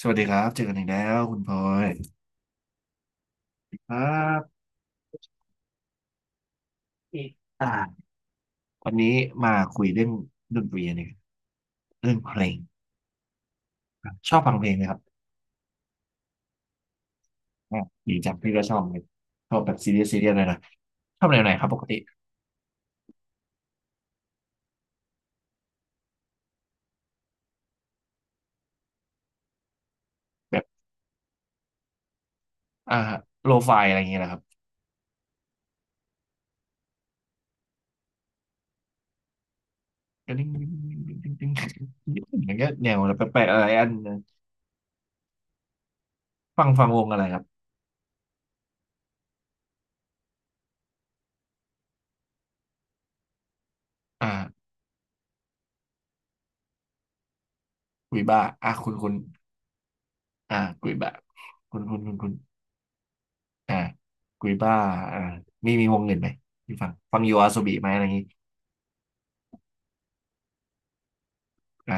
สวัสดีครับเจอกันอีกแล้วคุณพลอยครับอ่าวันนี้มาคุยเรื่องดนตรีเนี่ยเรื่องเพลงครับชอบฟังเพลงไหมครับอ่าดีจังพี่ก็ชอบเลยชอบแบบซีเรียสซีเรียสเลยนะชอบแนวไหนครับปกติแบบอ่าโลไฟอะไรอย่างเงี้ยนะครับก็ดิ้งดิ้งดิ้งดิ้งดิ้งอย่างเงี้ยแนวแปลกๆอะไรอันฟังวงอะไรครับอ่ากุยบ้าอ่าคุณคุณอ่ากุยบ้าคุณคุณคุณคุณอ่ากุยบ้าอ่ามีวงอื่นไหมที่ฟังยูอาโซบีไหมอะไรอย่างงี้ อ่า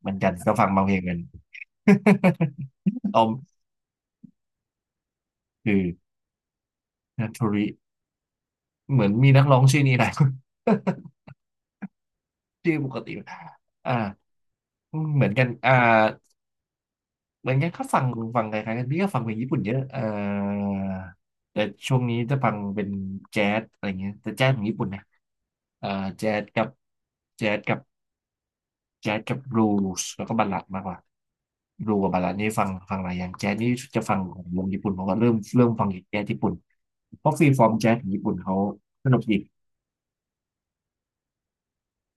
เหมือนกันก็ฟังบางเพลงกัน ออมคือนัทธุริเหมือนมีนักร้องชื่อนี้นะ ชื่อปกติอ่าเหมือนกันอ่าเหมือนกันก็ฟังฟังคล้ายๆกันพี่ก็ฟังเพลงญี่ปุ่นเยอะแต่ช่วงนี้จะฟังเป็นแจ๊สอะไรเงี้ยแต่แจ๊สของญี่ปุ่นนะเอ่อแจ๊สกับแจ๊สกับ แจ๊สกับรูสแล้วก็บัลลัดมากกว่ารูกับบัลลัดนี่ฟังฟังหลายอย่างแจ๊สนี่จะฟังของวงญี่ปุ่นเพราะว่าเริ่มฟังแจ๊สญี่ปุ่นเพราะฟรีฟอร์มแจ๊สของญี่ปุ่นเขาสนุกดี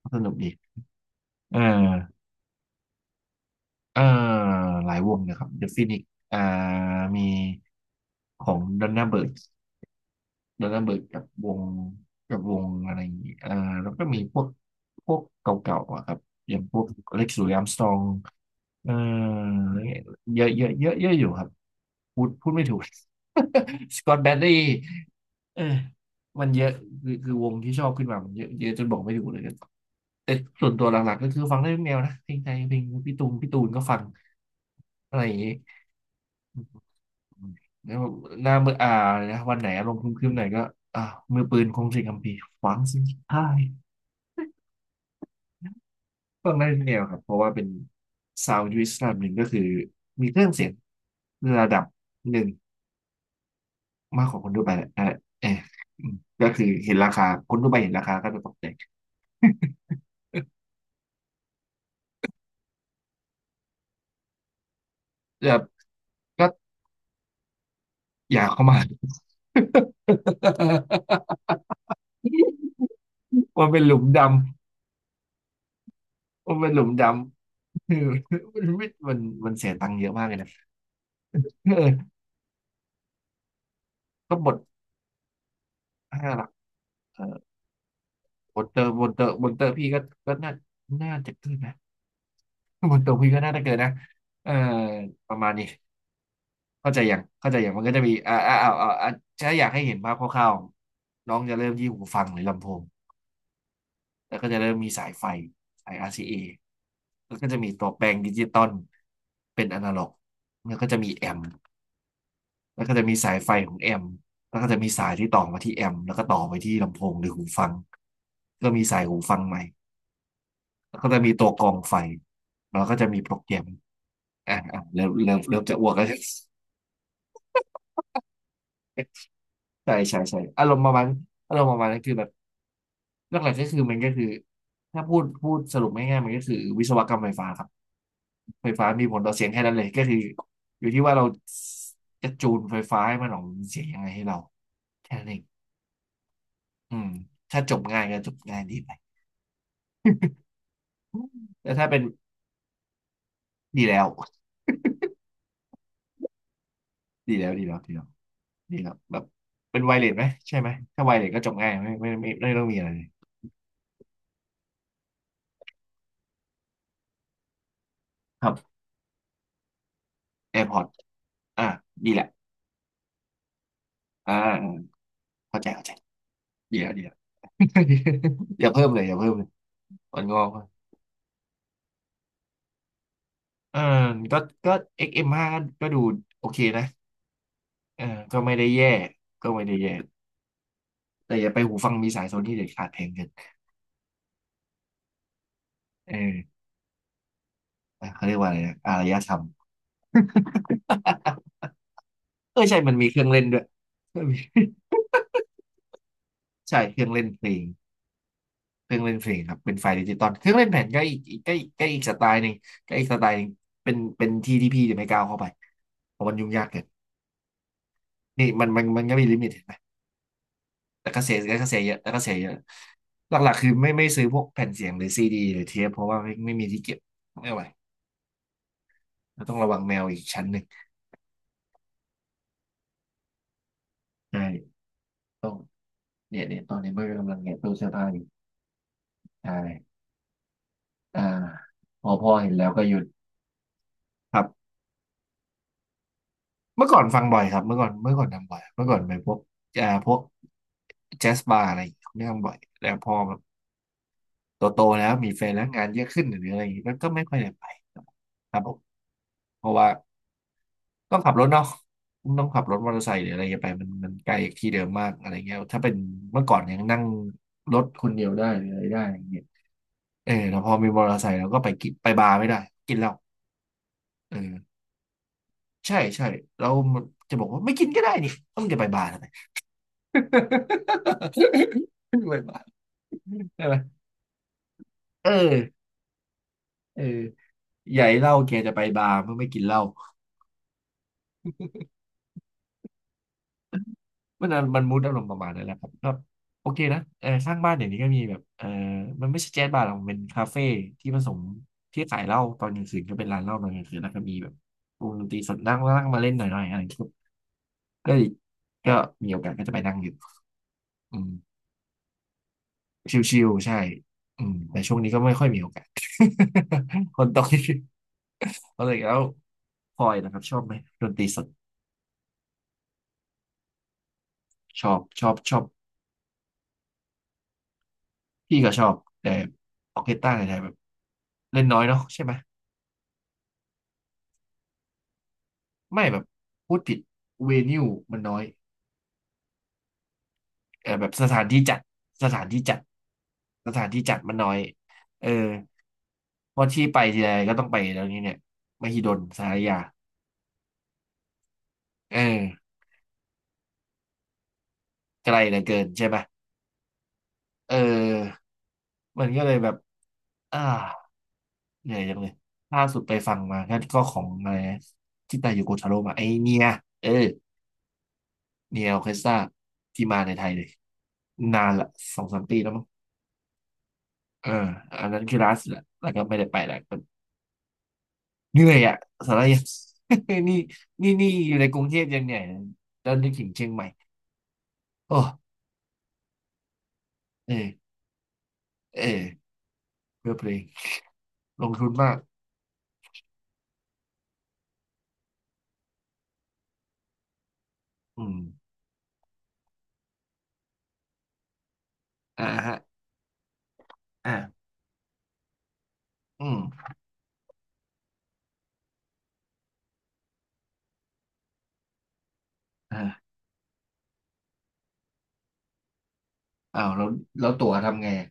เขาสนุกดีเอ่าอ่าหลายวงนะครับ The Phoenix อ่ามีของด o นน a าเบิร์ดด a นน r าเบิร์ดกับวงกับวงอะไรอย่างงี้อ่าแล้วก็มีพวกพวกเก่าๆอะครับอย่างพวกเล็กซ์ลุย a าร์มสตรองเอ่อเยอะเยอะเยอะเยอะอยู่ครับ พูดไม่ถูก สกอตแบ t รีเออมันเยอะคือวงที่ชอบขึ้นมามันเยอะเยอะจนบอกไม่ถูกเลยแต่ส่วนตัวหลักๆก็คือฟังได้ทุกแนวนะเพลงไทยเพลงพี่ตูน พี่ตูนก็ฟังอะไรอย่างงี้แล้วหน้ามือนะวันไหนอารมณ์ครึ้มๆหน่อยก็อ่ามือปืนคงสิงห์คัมภีร์ฟังสิงห์ใต้ฟังได้ทุกแนวครับ เพราะว่าเป็นซาวด์ยูนิตระดับหนึ่งก็คือมีเครื่องเสียงระดับหนึ่ง มากกว่าคนทั่วไปแหละนั่นแหละเอออืมก็คือเห็นราคาคนทั่วไปเห็นราคาก็จะตกใจแบบก็อยากเข้ามา มันเป็นหลุมดำมันเป็นหลุมดำ คือมันมันเสียตังค์เยอะมากเลยนะ เออก็บทห้าหลักเออบทเตอร์บทเตอร์บทเตอร์พี่ก็ก็น่าน่าจะเกินนะบทเตอร์พี่ก็น่าจะเกินนะเออประมาณนี้เข้าใจอย่างเข้าใจอย่างมันก็จะมีอ่าถ้าอยากให้เห็นภาพคร่าวๆน้องจะเริ่มที่หูฟังหรือลำโพง แล้วก็จะเริ่มมีสายไฟสาย RCA แล้วก็จะมีตัวแปลงดิจิตอลเป็นอนาล็อกแล้วก็จะมีแอมป์แล้วก็จะมีสายไฟของแอมป์แล้วก็จะมีสายที่ต่อมาที่แอมป์แล้วก็ต่อไปที่ลำโพงหรือหูฟังก็มีสายหูฟังใหม่แล้วก็จะมีตัวกรองไฟแล้วก็จะมีโปรแกรมเริ่มจะอ้วกแล้ว ใช่อารมณ์ประมาณอารมณ์ประมาณนั้นคือแบบเรื่องหลักก็คือมันก็คือถ้าพูดสรุปง่ายๆมันก็คือวิศวกรรมไฟฟ้าครับ ไฟฟ้ามีผลต่อเสียงแค่นั้นเลยก็คืออยู่ที่ว่าเราจะจูนไฟฟ้าให้มันออกเป็นเสียงยังไงให้เราแค่นั้นเองอืมถ้าจบง่ายก็จบง่ายดีไปอืมแต่ถ้าเป็นดีแล้วดีแล้วดีแล้วดีแล้วดีแล้วแบบเป็นไวเลสไหมใช่ไหมถ้าไวเลสก็จบง่ายไม่ต้องมีอะไรเลยครับแอ r p พอร์ตอ่ะดีแหละอ่าอ่าเข้าใจดีแล้วดีแล้ว อย่าเพิ่มเลยอ่อนงอกเออก็ก็ XM5 กซ์เอ็มห้าก็ก็ดูโอเคนะเออก็ไม่ได้แย่ก็ไม่ได้แย่ แต่อย่าไปหูฟังมีสายโซนี่เด็ดขาดเพลงเกินเออเขาเรียกว่าอะไรนะอารยธรรม เออใช่มันมีเครื่องเล่นด้วย ใช่เครื่องเล่นเพลงเครื่องเล่นเพลงครับเป็นไฟล์ดิจิตอลเครื่องเล่นแผ่นก็อีกสไตล์หนึ่งก็อีกสไตล์หนึ่งเป็นที่ที่พี่จะไม่ก้าวเข้าไปเพราะมันยุ่งยากเกินนี่มันก็มีลิมิตเห็นไหมแต่ก็เสียเยอะหลักๆคือไม่ซื้อพวกแผ่นเสียงหรือซีดีหรือเทปเพราะว่าไม่มีที่เก็บไม่ไหวเราต้องระวังแมวอีกชั้นหนึ่งใช่ต้อง เนี่ยเนี่ยตอนนี้เบอร์กำลังแงะตู้เสื้อผ้าอยู่ใช่อ่าพอพ่อเห็นแล้วก็หยุดครับเมื่อก่อนฟังบ่อยครับเมื่อก่อนเมื่อก่อนทำบ่อยเมื่อก่อนไปพวกเอ่าพวกแจ๊สบาร์อะไรอย่างเงี้ยไม่ทำบ่อยแล้วพอแบบโตแล้วมีแฟนแล้วงานเยอะขึ้นหรืออะไรอย่างเงี้ยก็ไม่ค่อยได้ไปครับผมเพราะว่าต้องขับรถเนาะต้องขับรถมอเตอร์ไซค์หรืออะไรอย่างเงี้ยไปมันไกลจากที่เดิมมากอะไรเงี้ยถ้าเป็นเมื่อก่อนยังนั่งรถคนเดียวได้หรืออะไรได้อย่างเงี้ยเออแล้วพอมีมอเตอร์ไซค์เราก็ไปกินไปบาร์ไม่ได้กินเหล้าเออ ใช่ใช่แล้วจะบอกว่าไม่กินก็ได้นี่ต้องจะไปบาร์ทำไม ไม่ไปบาร์ใช่ไหมเออเออใหญ่เหล้าแกจะไปบาร์เมื่อไม่กินเหล้ามันน่ะมันมูดอารมณ์ประมาณนั้นแหละครับก็โอเคนะเออข้างบ้านเดี๋ยวนี้ก็มีแบบเออมันไม่ใช่แจ๊สบาร์หรอกมันเป็นคาเฟ่ที่ผสมที่ขายเหล้าตอนกลางคืนก็เป็นร้านเหล้าตอนกลางคืนแล้วก็มีแบบวงดนตรีสดนั่งนั่งมาเล่นหน่อยๆอะไรอย่างเงี้ยก็ก็มีโอกาสก็จะไปนั่งอยู่อืม ชิวๆใช่อืมแต่ช่วงนี้ก็ไม่ค่อยมีโอกาส คนตกก็เลย แล้วพลอยนะครับชอบไหมดนตรีสดชอบพี่ก็ชอบแต่ออร์เคสตราในไทยแบบเล่นน้อยเนาะใช่ไหมไม่แบบพูดผิดเวนิวมันน้อยเออแบบสถานที่จัดสถานที่จัดมันน้อยเออเพราะที่ไปทีไรก็ต้องไปแล้วนี้เนี่ยมหิดลสารยาเออไกลเหลือเกินใช่ไหมเออมันก็เลยแบบอ่า เหนื่อยจังเลยล่าสุดไปฟังมาก็ของอะไรนะที่ตาอยู่โกทาโร่มาไอเนียเออเนียออเคสตราที่มาในไทยเลยนานละ2-3 ปีแล้วมั้งเอออันนั้นคือล่าสุดละแล้วก็ไม่ได้ไปแล้วเหนื่อยอ่ะสาระยัง นี่นี่อยู่ในกรุงเทพยังเหนื่อยแล้วนึกถึงเชียงใหม่โอ้เออเออเพื่อเพลงลงทุนมากอืมอ่าฮะอ่าอืมอ่าอ้าวแล้วแล้วตั๋วทำไงอะ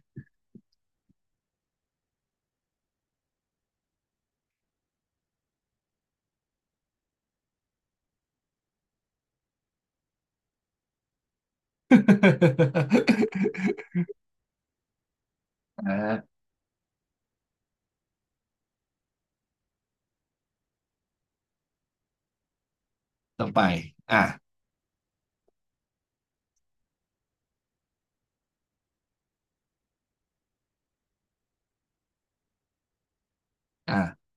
อ่า ต้องไปอ่าอ่า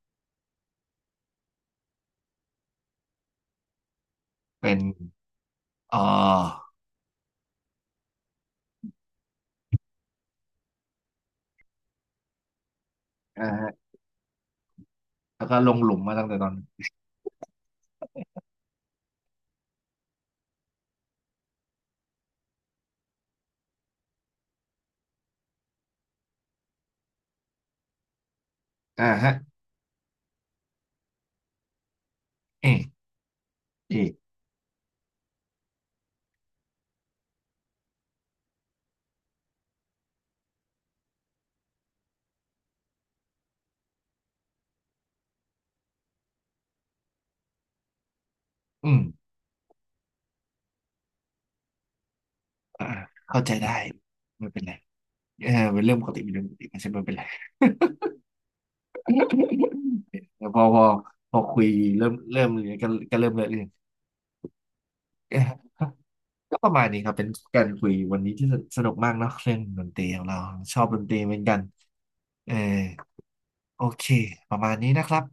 เป็นอ๋ออ่าฮะแล้วก็ลงหลุมมาตั้งแต่ตอนอ่าฮะเออเอออืมอ่าเข้าใจได้ ไม่เป็นไรเออเป็นเรื่องปกติเป็นเรื่องปกติไม่ใช่ไม่เป็นไร พอพอพอคุยเริ่มเลยก็เริ่มเลยเรื่องเอ๊ะก็ประมาณนี้ครับ เป็นการคุยวันนี้ที่สนุกมากเนาะเรื่องดนตรีของเราชอบดนตรีเหมือนกันเออโอเคประมาณนี้นะครับ